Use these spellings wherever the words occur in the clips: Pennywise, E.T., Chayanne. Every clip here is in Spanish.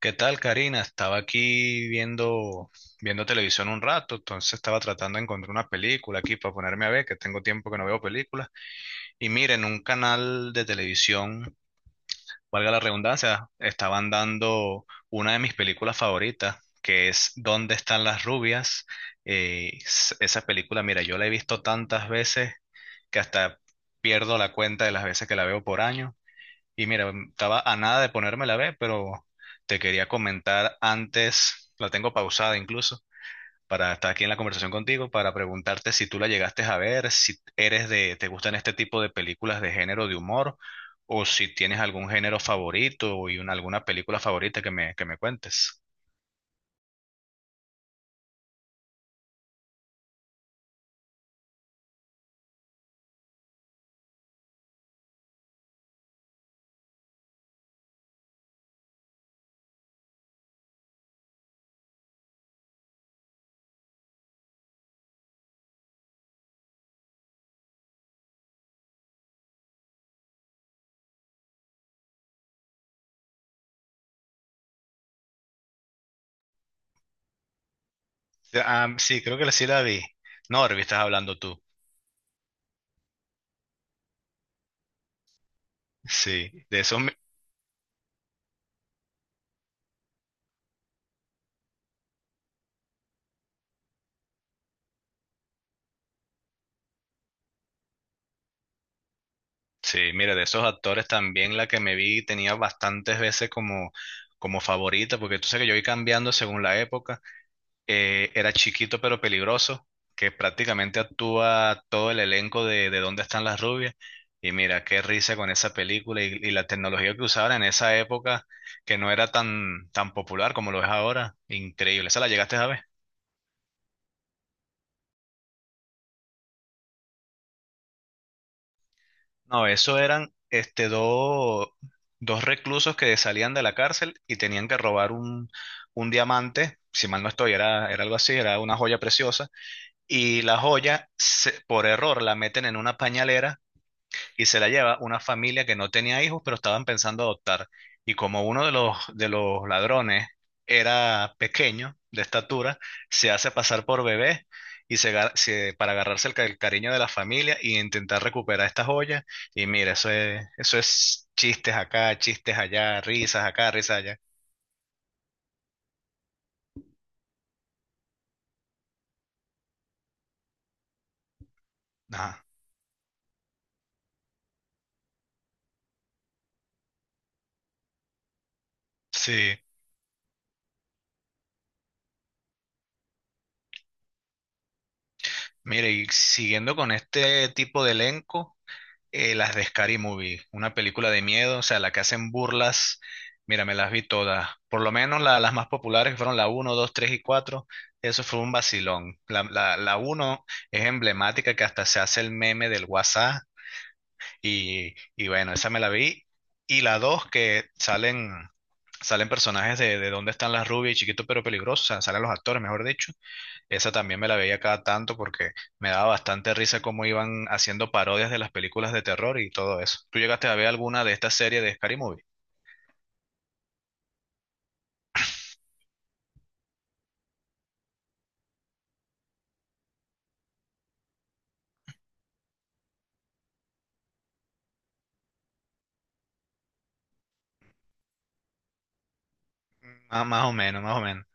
¿Qué tal, Karina? Estaba aquí viendo televisión un rato, entonces estaba tratando de encontrar una película aquí para ponerme a ver, que tengo tiempo que no veo películas. Y miren, un canal de televisión, valga la redundancia, estaban dando una de mis películas favoritas, que es ¿Dónde están las rubias? Esa película, mira, yo la he visto tantas veces que hasta pierdo la cuenta de las veces que la veo por año. Y mira, estaba a nada de ponerme la B, pero te quería comentar antes, la tengo pausada incluso, para estar aquí en la conversación contigo, para preguntarte si tú la llegaste a ver, si eres de, te gustan este tipo de películas de género de humor, o si tienes algún género favorito y alguna película favorita que me cuentes. Ah, sí, creo que sí la vi. Norby, estás hablando tú. Sí, de eso. Sí, mira, de esos actores también la que me vi tenía bastantes veces como favorita, porque tú sabes que yo voy cambiando según la época. Era chiquito pero peligroso, que prácticamente actúa todo el elenco de Dónde están las rubias. Y mira, qué risa con esa película y la tecnología que usaban en esa época, que no era tan popular como lo es ahora. Increíble. ¿Esa la llegaste a ver? No, eso eran dos reclusos que salían de la cárcel y tenían que robar un diamante, si mal no estoy, era algo así, era una joya preciosa, y la joya, por error, la meten en una pañalera y se la lleva una familia que no tenía hijos, pero estaban pensando adoptar. Y como uno de los ladrones era pequeño, de estatura, se hace pasar por bebé y para agarrarse el cariño de la familia y intentar recuperar estas joyas. Y mira, eso es chistes acá, chistes allá, risas acá, risas allá. Ajá. Sí. Mire, y siguiendo con este tipo de elenco. Las de Scary Movie, una película de miedo, o sea, la que hacen burlas. Mira, me las vi todas. Por lo menos las más populares que fueron la uno 2 3 y cuatro. Eso fue un vacilón. La uno es emblemática que hasta se hace el meme del WhatsApp. Y bueno, esa me la vi. Y la dos, que salen personajes de Dónde están las rubias y Chiquito pero peligroso, o sea, salen los actores, mejor dicho. Esa también me la veía cada tanto porque me daba bastante risa cómo iban haciendo parodias de las películas de terror y todo eso. ¿Tú llegaste a ver alguna de estas series de Scary Movie? Ah, más o menos, más o menos.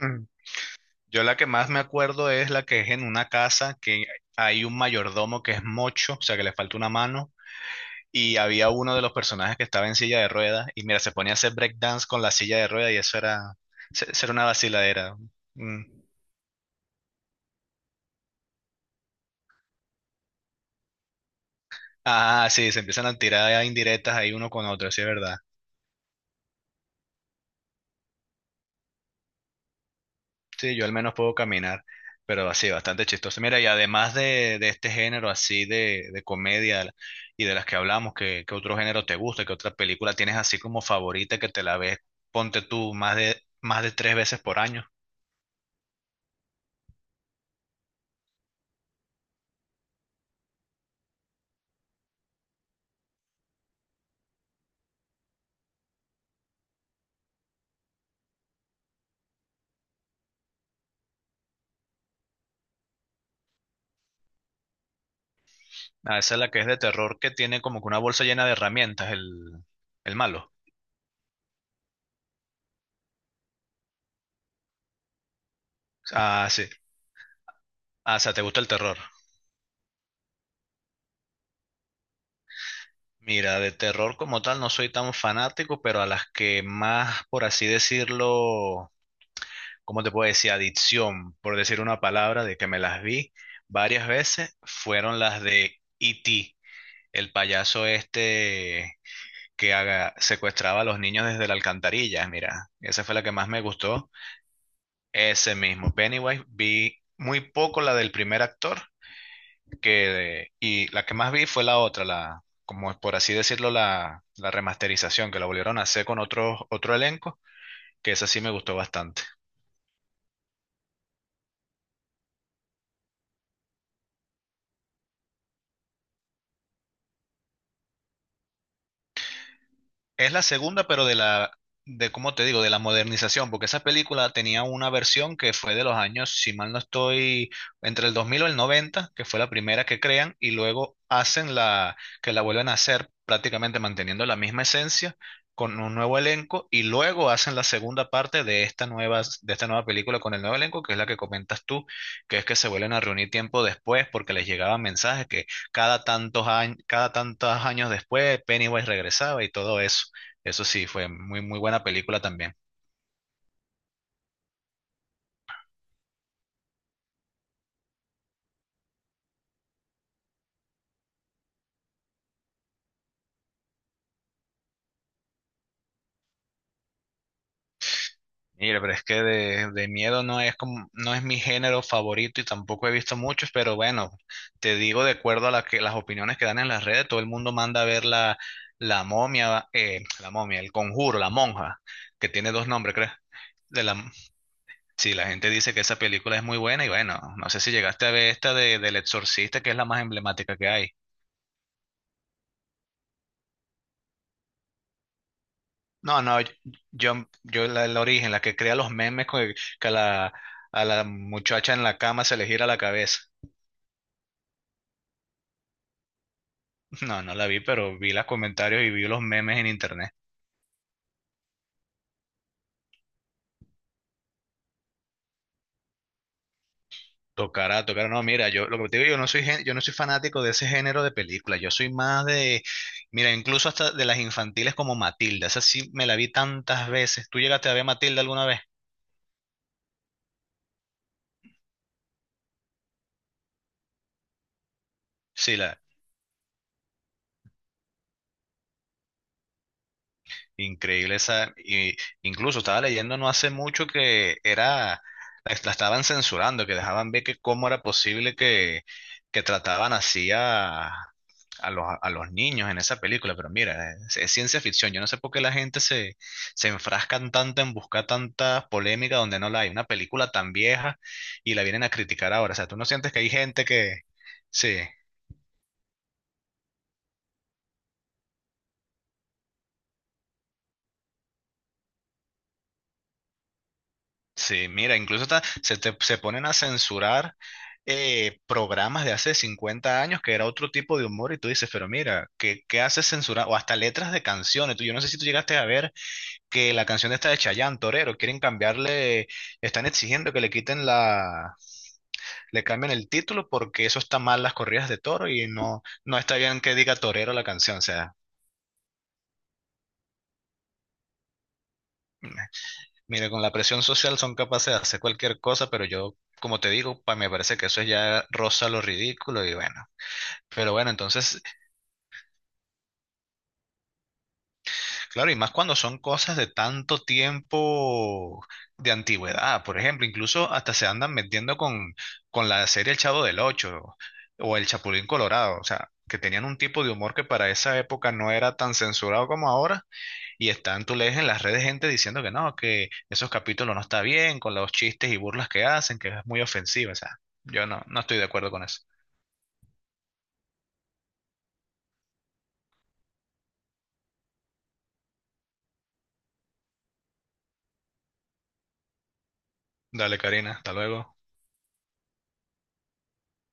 Mm. Yo la que más me acuerdo es la que es en una casa que hay un mayordomo que es mocho, o sea que le falta una mano, y había uno de los personajes que estaba en silla de ruedas, y mira, se ponía a hacer breakdance con la silla de ruedas y eso era, eso era una vaciladera. Mm. Ah, sí, se empiezan a tirar indirectas ahí uno con otro, sí es verdad. Sí, yo al menos puedo caminar, pero así, bastante chistoso. Mira, y además de este género así de comedia y de las que hablamos, ¿qué, qué otro género te gusta? ¿Qué otra película tienes así como favorita que te la ves, ponte tú, más de tres veces por año? Ah, esa es la que es de terror, que tiene como que una bolsa llena de herramientas, el malo. Ah, sí. Ah, o sea, ¿te gusta el terror? Mira, de terror como tal no soy tan fanático, pero a las que más, por así decirlo, ¿cómo te puedo decir? Adicción, por decir una palabra, de que me las vi varias veces, fueron las de E.T., el payaso este que secuestraba a los niños desde la alcantarilla. Mira, esa fue la que más me gustó. Ese mismo, Pennywise, vi muy poco la del primer actor, y la que más vi fue la otra, como es por así decirlo, la remasterización, que la volvieron a hacer con otro elenco, que esa sí me gustó bastante. Es la segunda, pero de cómo te digo, de la modernización, porque esa película tenía una versión que fue de los años, si mal no estoy, entre el 2000 o el 90 que fue la primera que crean, y luego hacen que la vuelven a hacer prácticamente manteniendo la misma esencia, con un nuevo elenco, y luego hacen la segunda parte de esta nueva película con el nuevo elenco, que es la que comentas tú, que es que se vuelven a reunir tiempo después porque les llegaban mensajes que cada tantos años después Pennywise regresaba y todo eso. Eso sí, fue muy, muy buena película también. Mira, pero es que de miedo no es como, no es mi género favorito y tampoco he visto muchos, pero bueno, te digo de acuerdo a las opiniones que dan en las redes, todo el mundo manda a ver la momia, el conjuro, la monja, que tiene dos nombres, ¿crees? De la, sí, la gente dice que esa película es muy buena y bueno, no sé si llegaste a ver esta del Exorcista, que es la más emblemática que hay. No, no, yo el origen, la que crea los memes con que a a la muchacha en la cama se le gira la cabeza. No, no la vi, pero vi los comentarios y vi los memes en internet. Tocará, tocará. No, mira, yo lo que te digo, yo no soy fanático de ese género de películas. Yo soy más de, mira, incluso hasta de las infantiles como Matilda. Esa sí me la vi tantas veces. ¿Tú llegaste a ver Matilda alguna vez? Sí, increíble esa, y incluso estaba leyendo no hace mucho que era, la estaban censurando, que dejaban ver que cómo era posible que trataban así a, a los niños en esa película, pero mira, es ciencia ficción, yo no sé por qué la gente se, se enfrascan tanto en buscar tanta polémica donde no la hay, una película tan vieja y la vienen a criticar ahora, o sea, tú no sientes que hay gente que, sí. Sí, mira, incluso se ponen a censurar programas de hace 50 años que era otro tipo de humor y tú dices, pero mira, ¿qué, qué haces censurar? O hasta letras de canciones. Tú, yo no sé si tú llegaste a ver que la canción esta de Chayanne, Torero, quieren cambiarle, están exigiendo que le quiten le cambien el título porque eso está mal las corridas de toro y no, no está bien que diga Torero la canción. O sea, mira, con la presión social son capaces de hacer cualquier cosa, pero yo, como te digo, pa, me parece que eso ya roza lo ridículo y bueno. Pero bueno, entonces, claro, y más cuando son cosas de tanto tiempo de antigüedad, por ejemplo, incluso hasta se andan metiendo con la serie El Chavo del Ocho o El Chapulín Colorado, o sea, que tenían un tipo de humor que para esa época no era tan censurado como ahora, y están, tú lees en las redes gente diciendo que no, que esos capítulos no está bien, con los chistes y burlas que hacen, que es muy ofensivo, o sea, yo no, no estoy de acuerdo con eso. Dale, Karina, hasta luego.